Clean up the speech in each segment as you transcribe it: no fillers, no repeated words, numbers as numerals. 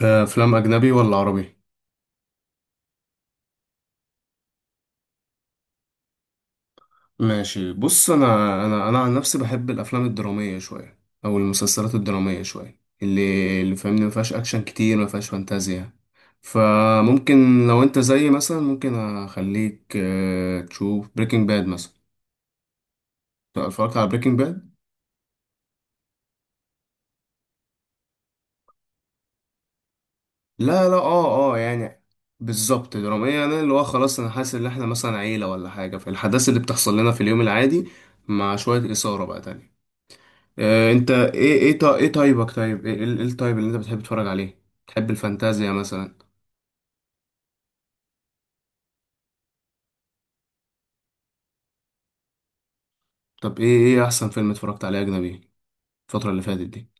افلام اجنبي ولا عربي؟ ماشي، بص انا. انا عن نفسي بحب الافلام الدراميه شويه، او المسلسلات الدراميه شويه، اللي فاهمني، ما فيهاش اكشن كتير، ما فيهاش فانتازيا. فممكن لو انت زيي مثلا ممكن اخليك تشوف بريكنج باد مثلا. اتفرجت على بريكنج باد. لا لا، اه اه، يعني بالظبط دراميه، يعني اللي هو خلاص انا حاسس ان احنا مثلا عيله ولا حاجه، فالأحداث اللي بتحصل لنا في اليوم العادي مع شويه اثاره بقى تانية. انت ايه طيبك، طيب إيه الطيب اللي انت بتحب تتفرج عليه؟ تحب الفانتازيا مثلا؟ طب ايه احسن فيلم اتفرجت عليه اجنبي الفترة اللي فاتت دي؟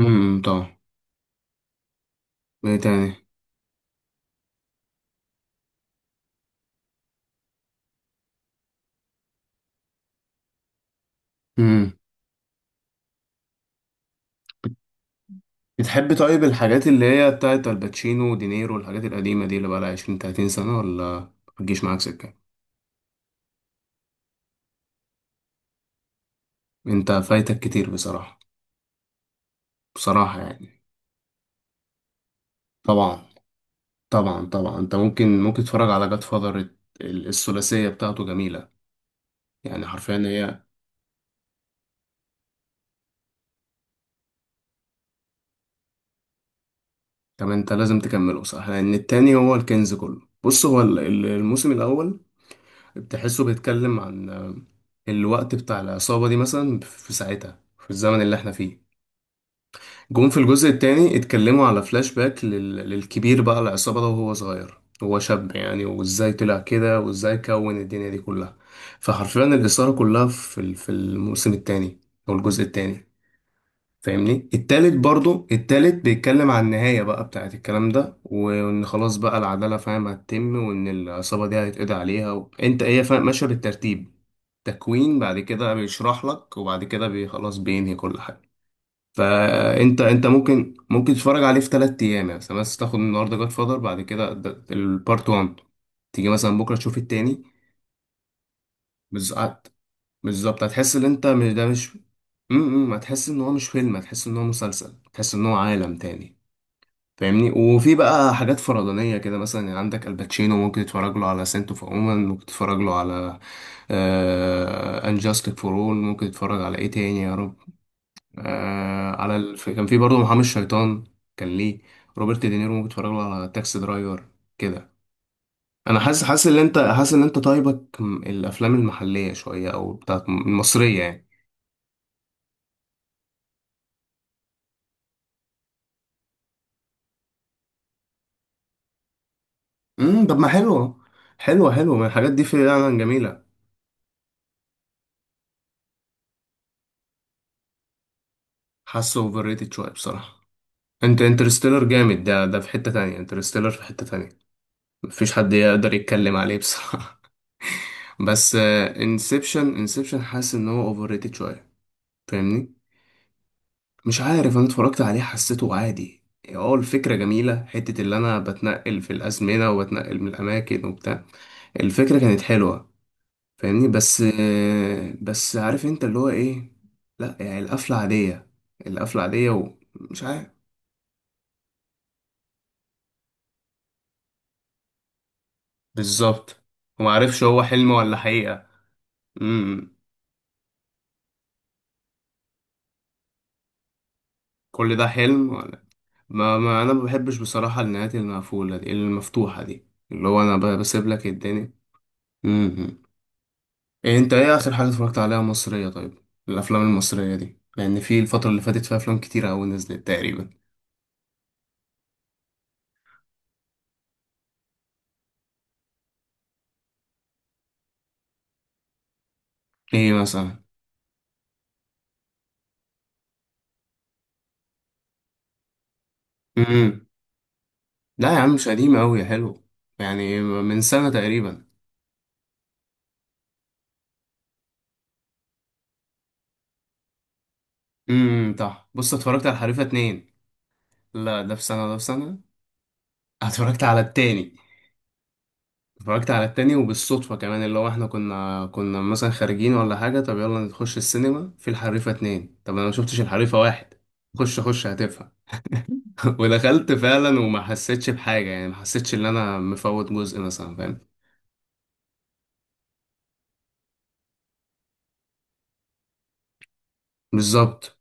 امم، طبعا. ايه تاني؟ امم، بتحب طيب الحاجات اللي هي بتاعت الباتشينو ودينيرو والحاجات القديمة دي، اللي بقالها 20 30 سنة، ولا متجيش معاك سكة؟ انت فايتك كتير بصراحة. بصراحة يعني، طبعا طبعا طبعا، انت ممكن تتفرج على جاد فاذر، الثلاثية بتاعته جميلة. يعني حرفيا هي. طب انت لازم تكمله صح، لان التاني هو الكنز كله. بص، هو الموسم الاول بتحسه بيتكلم عن الوقت بتاع العصابة دي مثلا في ساعتها، في الزمن اللي احنا فيه. جم في الجزء التاني اتكلموا على فلاش باك للكبير بقى العصابة ده وهو صغير، هو شاب يعني، وازاي طلع كده وازاي كون الدنيا دي كلها. فحرفيا الإثارة كلها في الموسم التاني، او الجزء التاني. فاهمني. التالت برضو، التالت بيتكلم عن النهاية بقى بتاعت الكلام ده، وإن خلاص بقى العدالة فاهم هتتم، وإن العصابة دي هيتقضي عليها أنت إيه فاهم، ماشية بالترتيب، تكوين بعد كده بيشرح لك، وبعد كده بي خلاص بينهي كل حاجة. فأنت ممكن تتفرج عليه في تلات أيام يعني مثلا. بس تاخد النهاردة جاد فاذر بعد كده، البارت 1، تيجي مثلا بكرة تشوف التاني. بس بالظبط هتحس ان ده مش... امم، هتحس ان هو مش فيلم، هتحس ان هو مسلسل، هتحس ان هو عالم تاني. فاهمني. وفي بقى حاجات فرضانية كده مثلا، يعني عندك الباتشينو ممكن تتفرج له على سنت اوف وومن، ممكن تتفرج له على انجاستك فور اول، ممكن تتفرج على ايه تاني يا رب. آه، كان في برضه محامي الشيطان. كان ليه روبرت دينيرو، ممكن تتفرج له على تاكسي درايفر كده. انا حاسس ان انت حاسس ان انت الافلام المحلية شوية، او بتاعت المصرية يعني. امم، طب ما حلو. حلوه، حلوه من الحاجات دي فعلا، جميله. حاسه اوفر ريتد شويه بصراحه. انت انترستيلر جامد، ده في حته تانية، انترستيلر في حته تانية، مفيش حد يقدر يتكلم عليه بصراحه. بس انسبشن حاسس ان هو اوفر ريتد شويه، فاهمني. مش عارف، انا اتفرجت عليه حسيته عادي. اه الفكره جميله، حته اللي انا بتنقل في الازمنه وبتنقل من الاماكن وبتاع، الفكره كانت حلوه فاهمني. بس عارف انت اللي هو ايه، لا يعني القفلة عادية، القفلة عادية. ومش عارف بالظبط، ومعرفش هو حلم ولا حقيقة. امم، كل ده حلم ولا. ما انا ما بحبش بصراحة النهايات المقفولة دي، المفتوحة دي، اللي هو انا بسيب لك الدنيا. امم. إيه، انت ايه اخر حاجة اتفرجت عليها مصرية؟ طيب الافلام المصرية دي، لان في الفترة اللي فاتت فيها افلام كتيرة اوي نزلت تقريبا. ايه مثلا؟ لا يا عم مش قديمة أوي يا حلو، يعني من سنة تقريبا. امم، صح. بص، اتفرجت على الحريفة اتنين. لا، ده في سنة ده في سنة. اتفرجت على التاني، اتفرجت على التاني وبالصدفة كمان، اللي هو احنا كنا مثلا خارجين ولا حاجة، طب يلا نخش السينما في الحريفة اتنين، طب انا ما شفتش الحريفة واحد. خش خش هتفهم. ودخلت فعلا وما حسيتش بحاجة يعني، ما حسيتش ان انا مفوت جزء مثلا فاهم؟ بالظبط.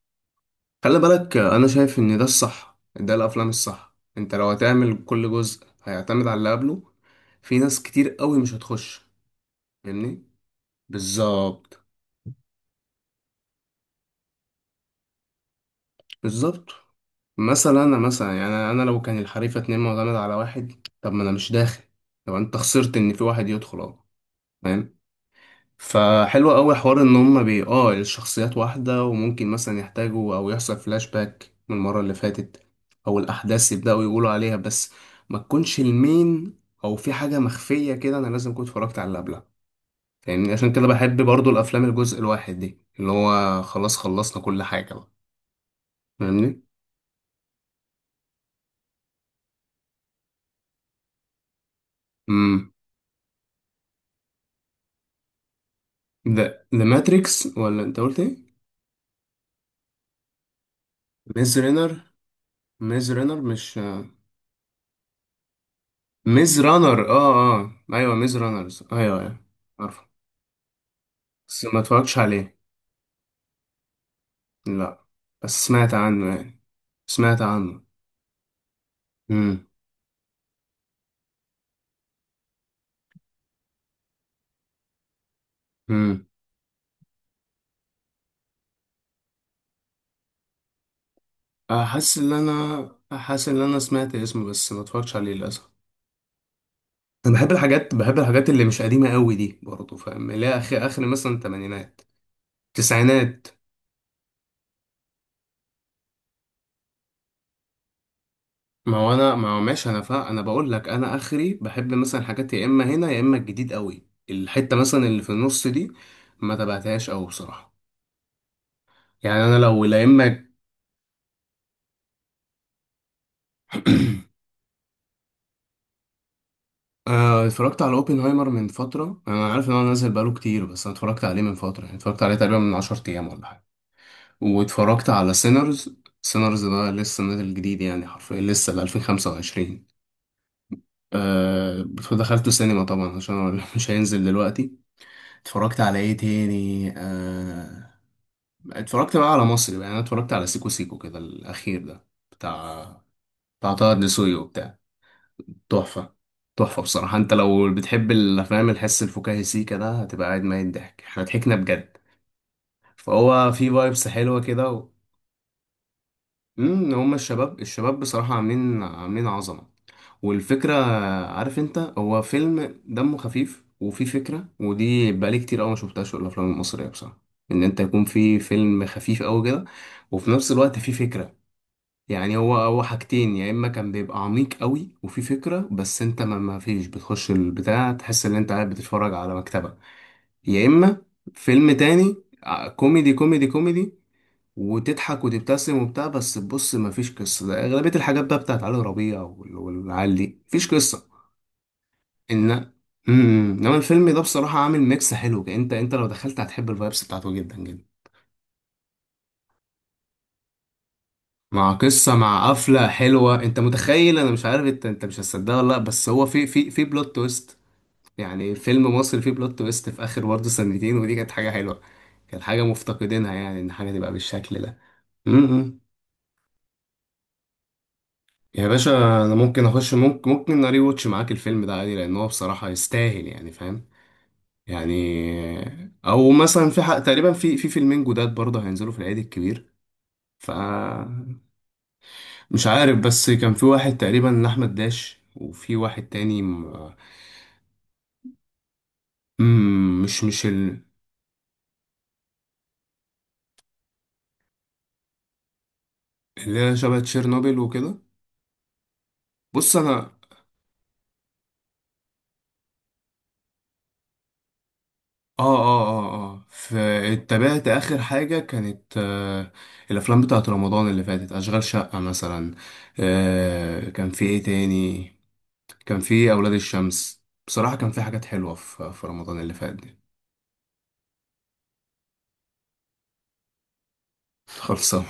خلي بالك انا شايف ان ده الصح، ده الافلام الصح. انت لو هتعمل كل جزء هيعتمد على اللي قبله، في ناس كتير قوي مش هتخش فاهمني. بالظبط. بالظبط مثلا، انا مثلا يعني، انا لو كان الحريفه اتنين معتمد على واحد، طب ما انا مش داخل. طب انت خسرت ان في واحد يدخل اهو. فاهم؟ فحلو قوي حوار ان هما بي اه الشخصيات واحدة، وممكن مثلا يحتاجوا او يحصل فلاش باك من المرة اللي فاتت، او الاحداث يبدأوا يقولوا عليها بس، ما تكونش المين، او في حاجة مخفية كده انا لازم كنت اتفرجت على اللي قبلها. فاهمني. عشان كده بحب برضو الافلام الجزء الواحد دي، اللي هو خلاص خلصنا كل حاجة بقى. فاهمني. امم، ده ذا ماتريكس، ولا انت قلت ايه؟ ميز رينر، ميز رينر مش ميز رانر؟ اه اه، ايوه، ميز رانرز، ايوه ايوه، عارفه. بس ما اتفرجتش عليه لا، بس سمعت عنه يعني، سمعت عنه. امم. امم، حاسس ان انا، حاسس ان انا سمعت اسمه بس ما اتفرجتش عليه للاسف. انا بحب الحاجات، بحب الحاجات اللي مش قديمه قوي دي برضه فاهم، اللي هي اخر اخر مثلا تمانينات تسعينات. ما هو انا ما هو ماشي، انا فا انا بقول لك، انا اخري بحب مثلا حاجات يا اما هنا يا اما الجديد قوي، الحته مثلا اللي في النص دي ما تبعتهاش قوي بصراحه. يعني انا لو لا اما اتفرجت على اوبنهايمر من فترة، انا عارف ان هو نازل بقاله كتير بس انا اتفرجت عليه من فترة، يعني اتفرجت عليه تقريبا من 10 ايام ولا حاجة. واتفرجت على سينرز. سينرز ده لسه نازل جديد يعني، حرفيا لسه ل 2025. أه. دخلته سينما طبعا عشان هو مش هينزل دلوقتي. اتفرجت على ايه تاني؟ أه اتفرجت بقى على مصري بقى، يعني انا اتفرجت على سيكو سيكو كده الاخير ده، بتاع، بتاع طه دسوقي، وبتاع تحفة، تحفة بصراحة. انت لو بتحب الافلام الحس الفكاهي سيكا ده هتبقى قاعد ميت ضحك، احنا ضحكنا بجد. فهو في فايبس حلوة كده و... امم، هما الشباب، الشباب بصراحة عاملين عظمة والفكرة. عارف انت، هو فيلم دمه خفيف وفيه فكرة، ودي بقالي كتير قوي ما شفتهاش في الافلام المصرية بصراحة، ان انت يكون في فيلم خفيف قوي كده وفي نفس الوقت فيه فكرة. يعني هو هو حاجتين، يا اما كان بيبقى عميق قوي وفي فكره بس انت ما فيش بتخش البتاع تحس ان انت قاعد بتتفرج على مكتبه، يا اما فيلم تاني كوميدي كوميدي كوميدي، وتضحك وتبتسم وبتاع، بس بص ما فيش قصه، ده اغلبيه الحاجات بقى بتاعت علي ربيع والعيال دي مفيش قصه. ان امم، انما الفيلم ده بصراحه عامل ميكس حلو. انت انت لو دخلت هتحب الفايبس بتاعته جدا جدا، مع قصة، مع قفلة حلوة. انت متخيل، انا مش عارف انت انت مش هتصدقها ولا لا، بس هو في بلوت تويست، يعني فيلم مصري فيه بلوت تويست في اخر برضه سنتين، ودي كانت حاجة حلوة، كانت حاجة مفتقدينها، يعني ان حاجة تبقى بالشكل ده. امم. يا باشا، انا ممكن اخش، ممكن اري واتش معاك الفيلم ده عادي، لان هو بصراحة يستاهل يعني فاهم. يعني او مثلا في حق تقريبا، في فيلمين جداد برضه هينزلوا في العيد الكبير. ف مش عارف، بس كان في واحد تقريبا احمد داش، وفي واحد تاني م... مم، مش ال... اللي هي شبه تشيرنوبل وكده. بص انا اه اه اه ف- اتبعت اخر حاجه كانت آه، الافلام بتاعت رمضان اللي فاتت، اشغال شقه مثلا. آه كان في ايه تاني، كان في اولاد الشمس. بصراحه كان في حاجات حلوه في رمضان اللي فات دي. خلصان.